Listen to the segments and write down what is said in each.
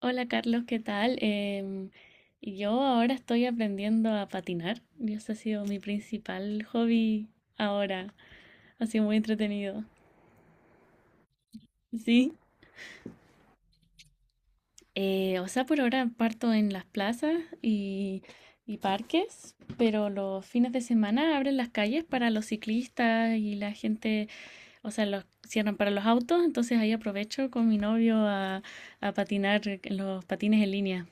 Hola Carlos, ¿qué tal? Yo ahora estoy aprendiendo a patinar. Y ese ha sido mi principal hobby ahora. Ha sido muy entretenido. Sí. O sea, por ahora parto en las plazas y parques, pero los fines de semana abren las calles para los ciclistas y la gente, o sea, los cierran para los autos, entonces ahí aprovecho con mi novio a patinar en los patines en línea.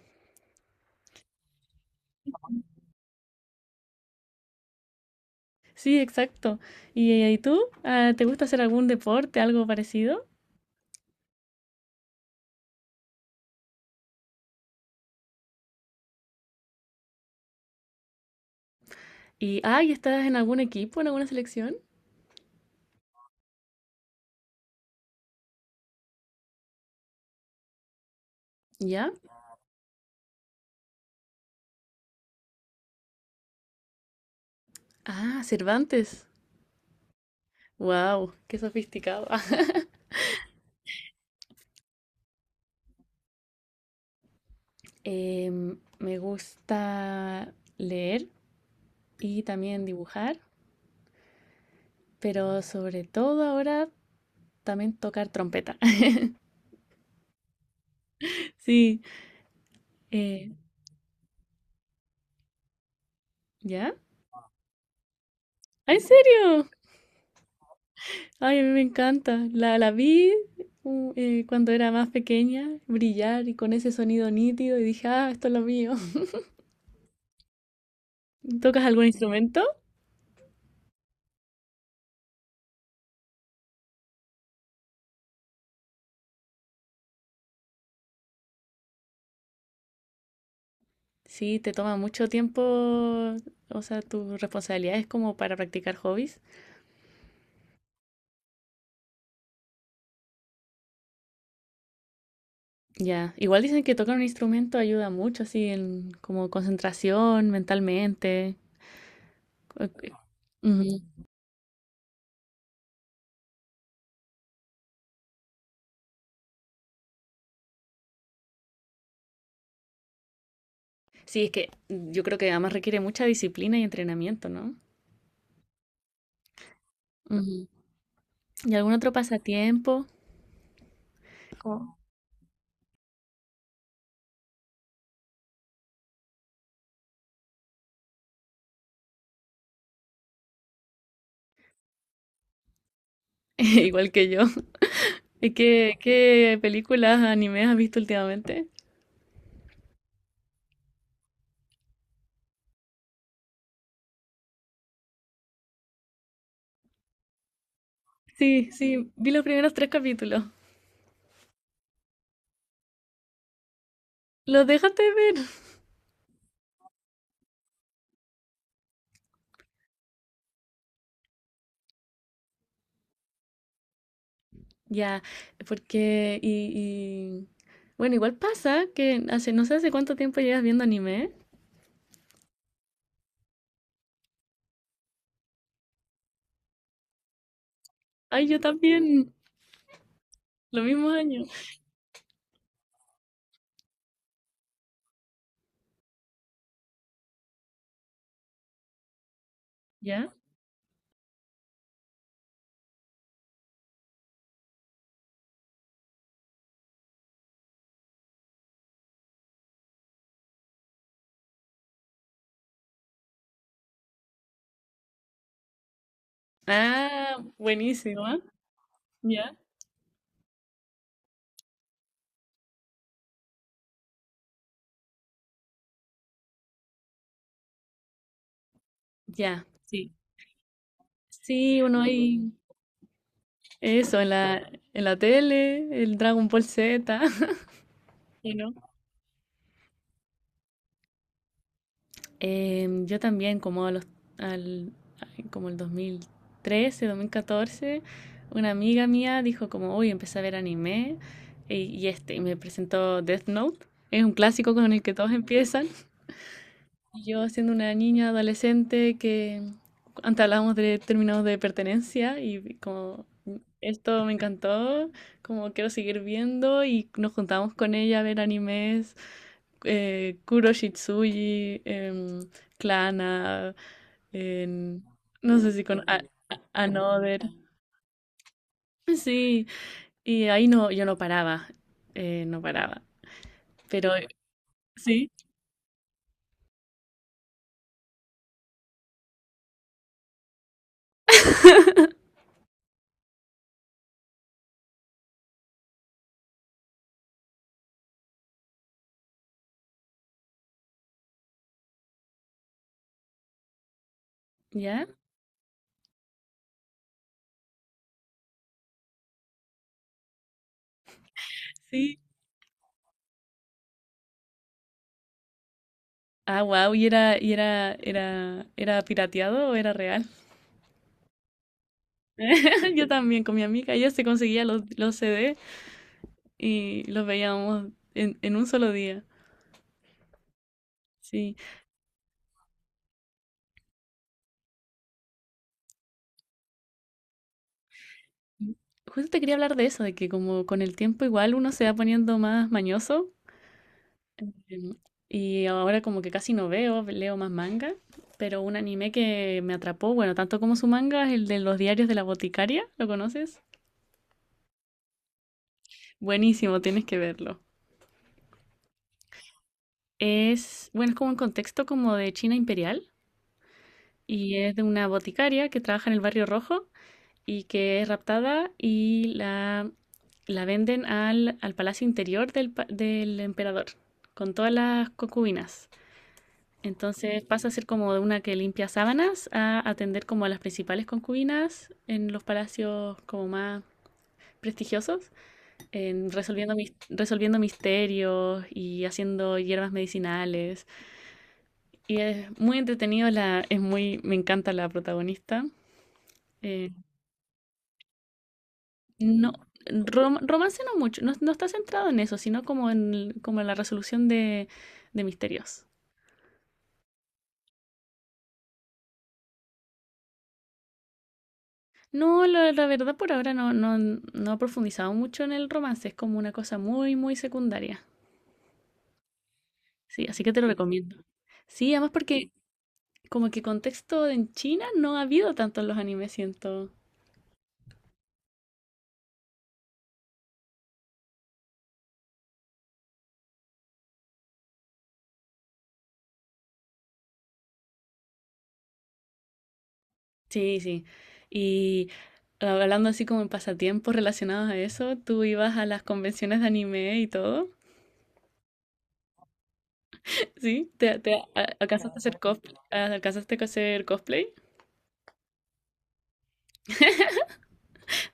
Sí, exacto. ¿Y tú? Ah, ¿te gusta hacer algún deporte, algo parecido? Y, ay, ¿estás en algún equipo, en alguna selección? ¿Ya? Ah, Cervantes. Wow, qué sofisticado. Me gusta leer y también dibujar, pero sobre todo ahora también tocar trompeta. Sí. eh, ¿ya? ¿En serio? Ay, a mí me encanta. La vi cuando era más pequeña, brillar y con ese sonido nítido y dije, ah, esto es lo mío. ¿Tocas algún instrumento? Sí, te toma mucho tiempo, o sea, tus responsabilidades como para practicar hobbies. Ya, igual dicen que tocar un instrumento ayuda mucho, así, en como concentración mentalmente. Co- co- Ujú. Sí, es que yo creo que además requiere mucha disciplina y entrenamiento, ¿no? Ujú. ¿Y algún otro pasatiempo? Como- Igual que yo. ¿Y qué películas, animes has visto últimamente? Sí, sí, vi los primeros tres capítulos. ¿Los dejaste de ver? Ya, porque... Y, y- Bueno, igual pasa que hace, no sé hace cuánto tiempo llevas viendo anime. Ay, yo también, los mismos años. ¿Ya? Ah, buenísimo, ¿ah? ¿Ya? Ya, sí. Sí, uno ahí... Eso, en la tele, el Dragon Ball Z. ¿Y no? Yo también, como a los, al, ay, como el dos mil trece, dos mil catorce una amiga mía dijo como, uy, empecé a ver anime y me presentó Death Note. Es un clásico con el que todos empiezan. Yo siendo una niña adolescente que antes hablábamos de términos de pertenencia y como esto me encantó, como quiero seguir viendo y nos juntábamos con ella a ver animes, Kuro Shitsuji, Clana, en- no sé si Another. Sí, y ahí no, yo no paraba, no paraba, pero sí, ¿ya? Sí. Ah, wow, ¿era pirateado o era real? Yo también con mi amiga, ella se conseguía los CD y los veíamos en un solo día. Sí. Justo te quería hablar de eso, de que como con el tiempo igual uno se va poniendo más mañoso. em, Y ahora como que casi no veo, leo más manga. Pero un anime que me atrapó, bueno, tanto como su manga, es el de los diarios de la boticaria, ¿lo conoces? Buenísimo, tienes que verlo. Es, bueno, es como un contexto como de China imperial. Y es de una boticaria que trabaja en el Barrio Rojo y que es raptada y la venden al palacio interior del emperador con todas las concubinas. Entonces pasa a ser como de una que limpia sábanas a atender como a las principales concubinas en los palacios como más prestigiosos, en resolviendo misterios y haciendo hierbas medicinales. Y es muy entretenido, es muy, me encanta la protagonista. Eh, No, romance no mucho, no está centrado en eso, sino como en, como en la resolución de misterios. No, la verdad por ahora no he profundizado mucho en el romance, es como una cosa muy secundaria. Sí, así que te lo recomiendo. Sí, además porque como que contexto en China no ha habido tanto en los animes, siento. Sí, sí. Y ah, hablando así como en pasatiempos relacionados a eso, tú ibas a las convenciones de anime y todo. ¿Sí? ¿Alcanzaste a hacer cosplay? ¿Alcanzaste a hacer cosplay?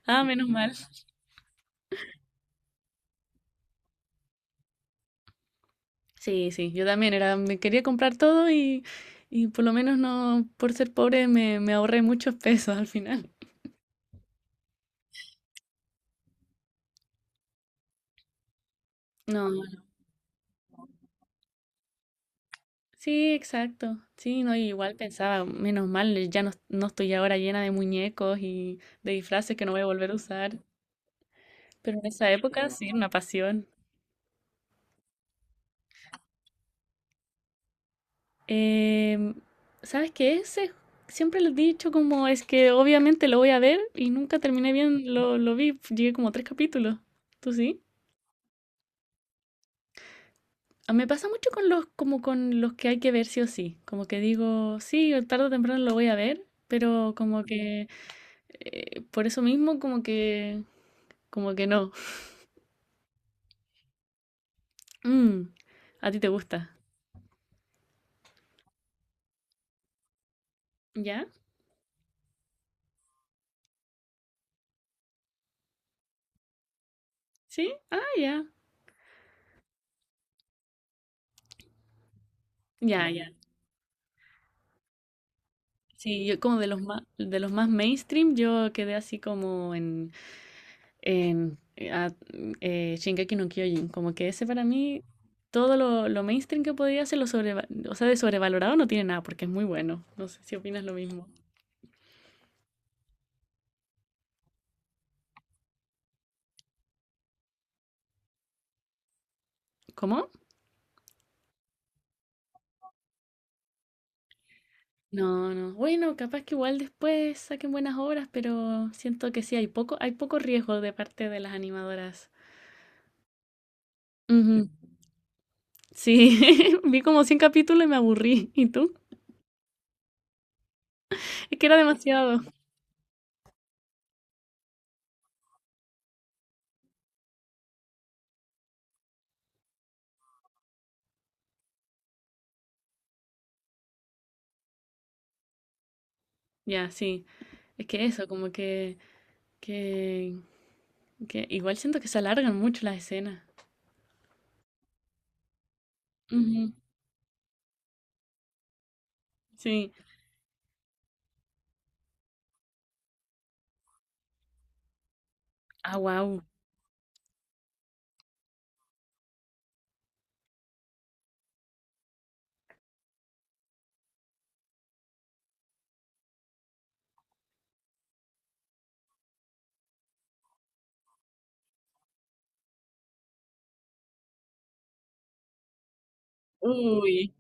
Ah, menos mal. Sí, sí, yo también era, me quería comprar todo y por lo menos no, por ser pobre me ahorré muchos pesos al final. No, sí, exacto. Sí, no, y igual pensaba, menos mal, ya no, no estoy ahora llena de muñecos y de disfraces que no voy a volver a usar. Pero en esa época sí, una pasión. Em, ¿Sabes qué? Ese siempre les he dicho como es que obviamente lo voy a ver y nunca terminé bien, lo vi, llegué como tres capítulos. ¿Tú sí? Ah, me pasa mucho con los, como con los que hay que ver sí o sí. Como que digo, sí, o tarde o temprano lo voy a ver, pero como que por eso mismo como que no. Mm, ¿a ti te gusta? ¿Ya? ¿Sí? Ah, ya. Ya, ya. Sí, yo como de los más mainstream, yo quedé así como en eh, a- Shingeki no Kyojin. Como que ese para mí, todo lo mainstream que podía hacer, o sea, de sobrevalorado no tiene nada porque es muy bueno. No sé si opinas lo mismo. ¿Cómo? No, no. Bueno, capaz que igual después saquen buenas obras, pero siento que sí, hay poco riesgo de parte de las animadoras. Ujú. Sí, vi como 100 capítulos y me aburrí. ¿Y tú? Es que era demasiado. Ya, sí. Es que eso, que, que igual siento que se alargan mucho las escenas. Ujú, sí. Ah, wow. Uy,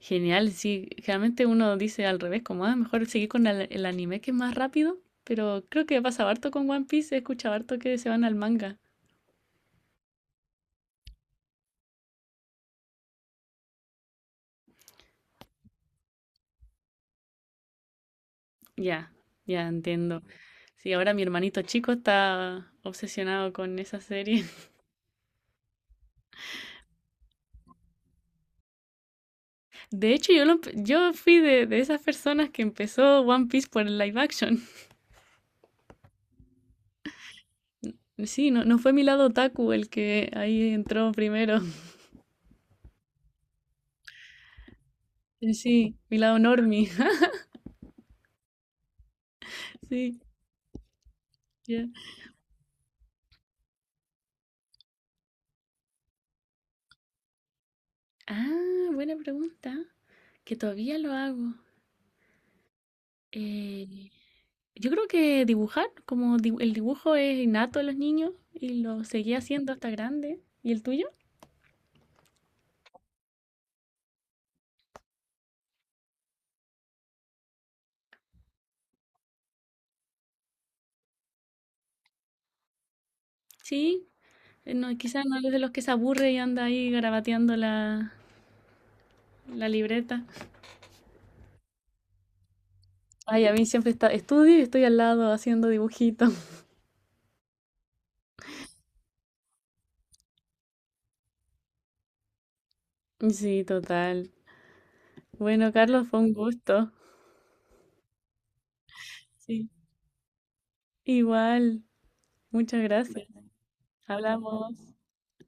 genial. Sí, generalmente uno dice al revés, como, ah, mejor seguir con el anime que es más rápido, pero creo que pasa harto con One Piece, he escuchado harto que se van al manga. Ya, ya entiendo. Sí, ahora mi hermanito chico está obsesionado con esa serie. De hecho, yo fui de esas personas que empezó One Piece por el live action. Sí, no, no fue mi lado otaku el que ahí entró primero. Sí, mi lado normie. Sí. ya Ah, buena pregunta, que todavía lo hago. Eh, yo creo que dibujar, el dibujo es innato a los niños y lo seguí haciendo hasta grande. ¿Y el tuyo? Sí, no, quizás no es de los que se aburre y anda ahí garabateando la libreta. Ay, a mí siempre está, estudio y estoy al lado haciendo dibujitos. Sí, total. Bueno, Carlos, fue un gusto. Sí. Igual, muchas gracias. Hablamos.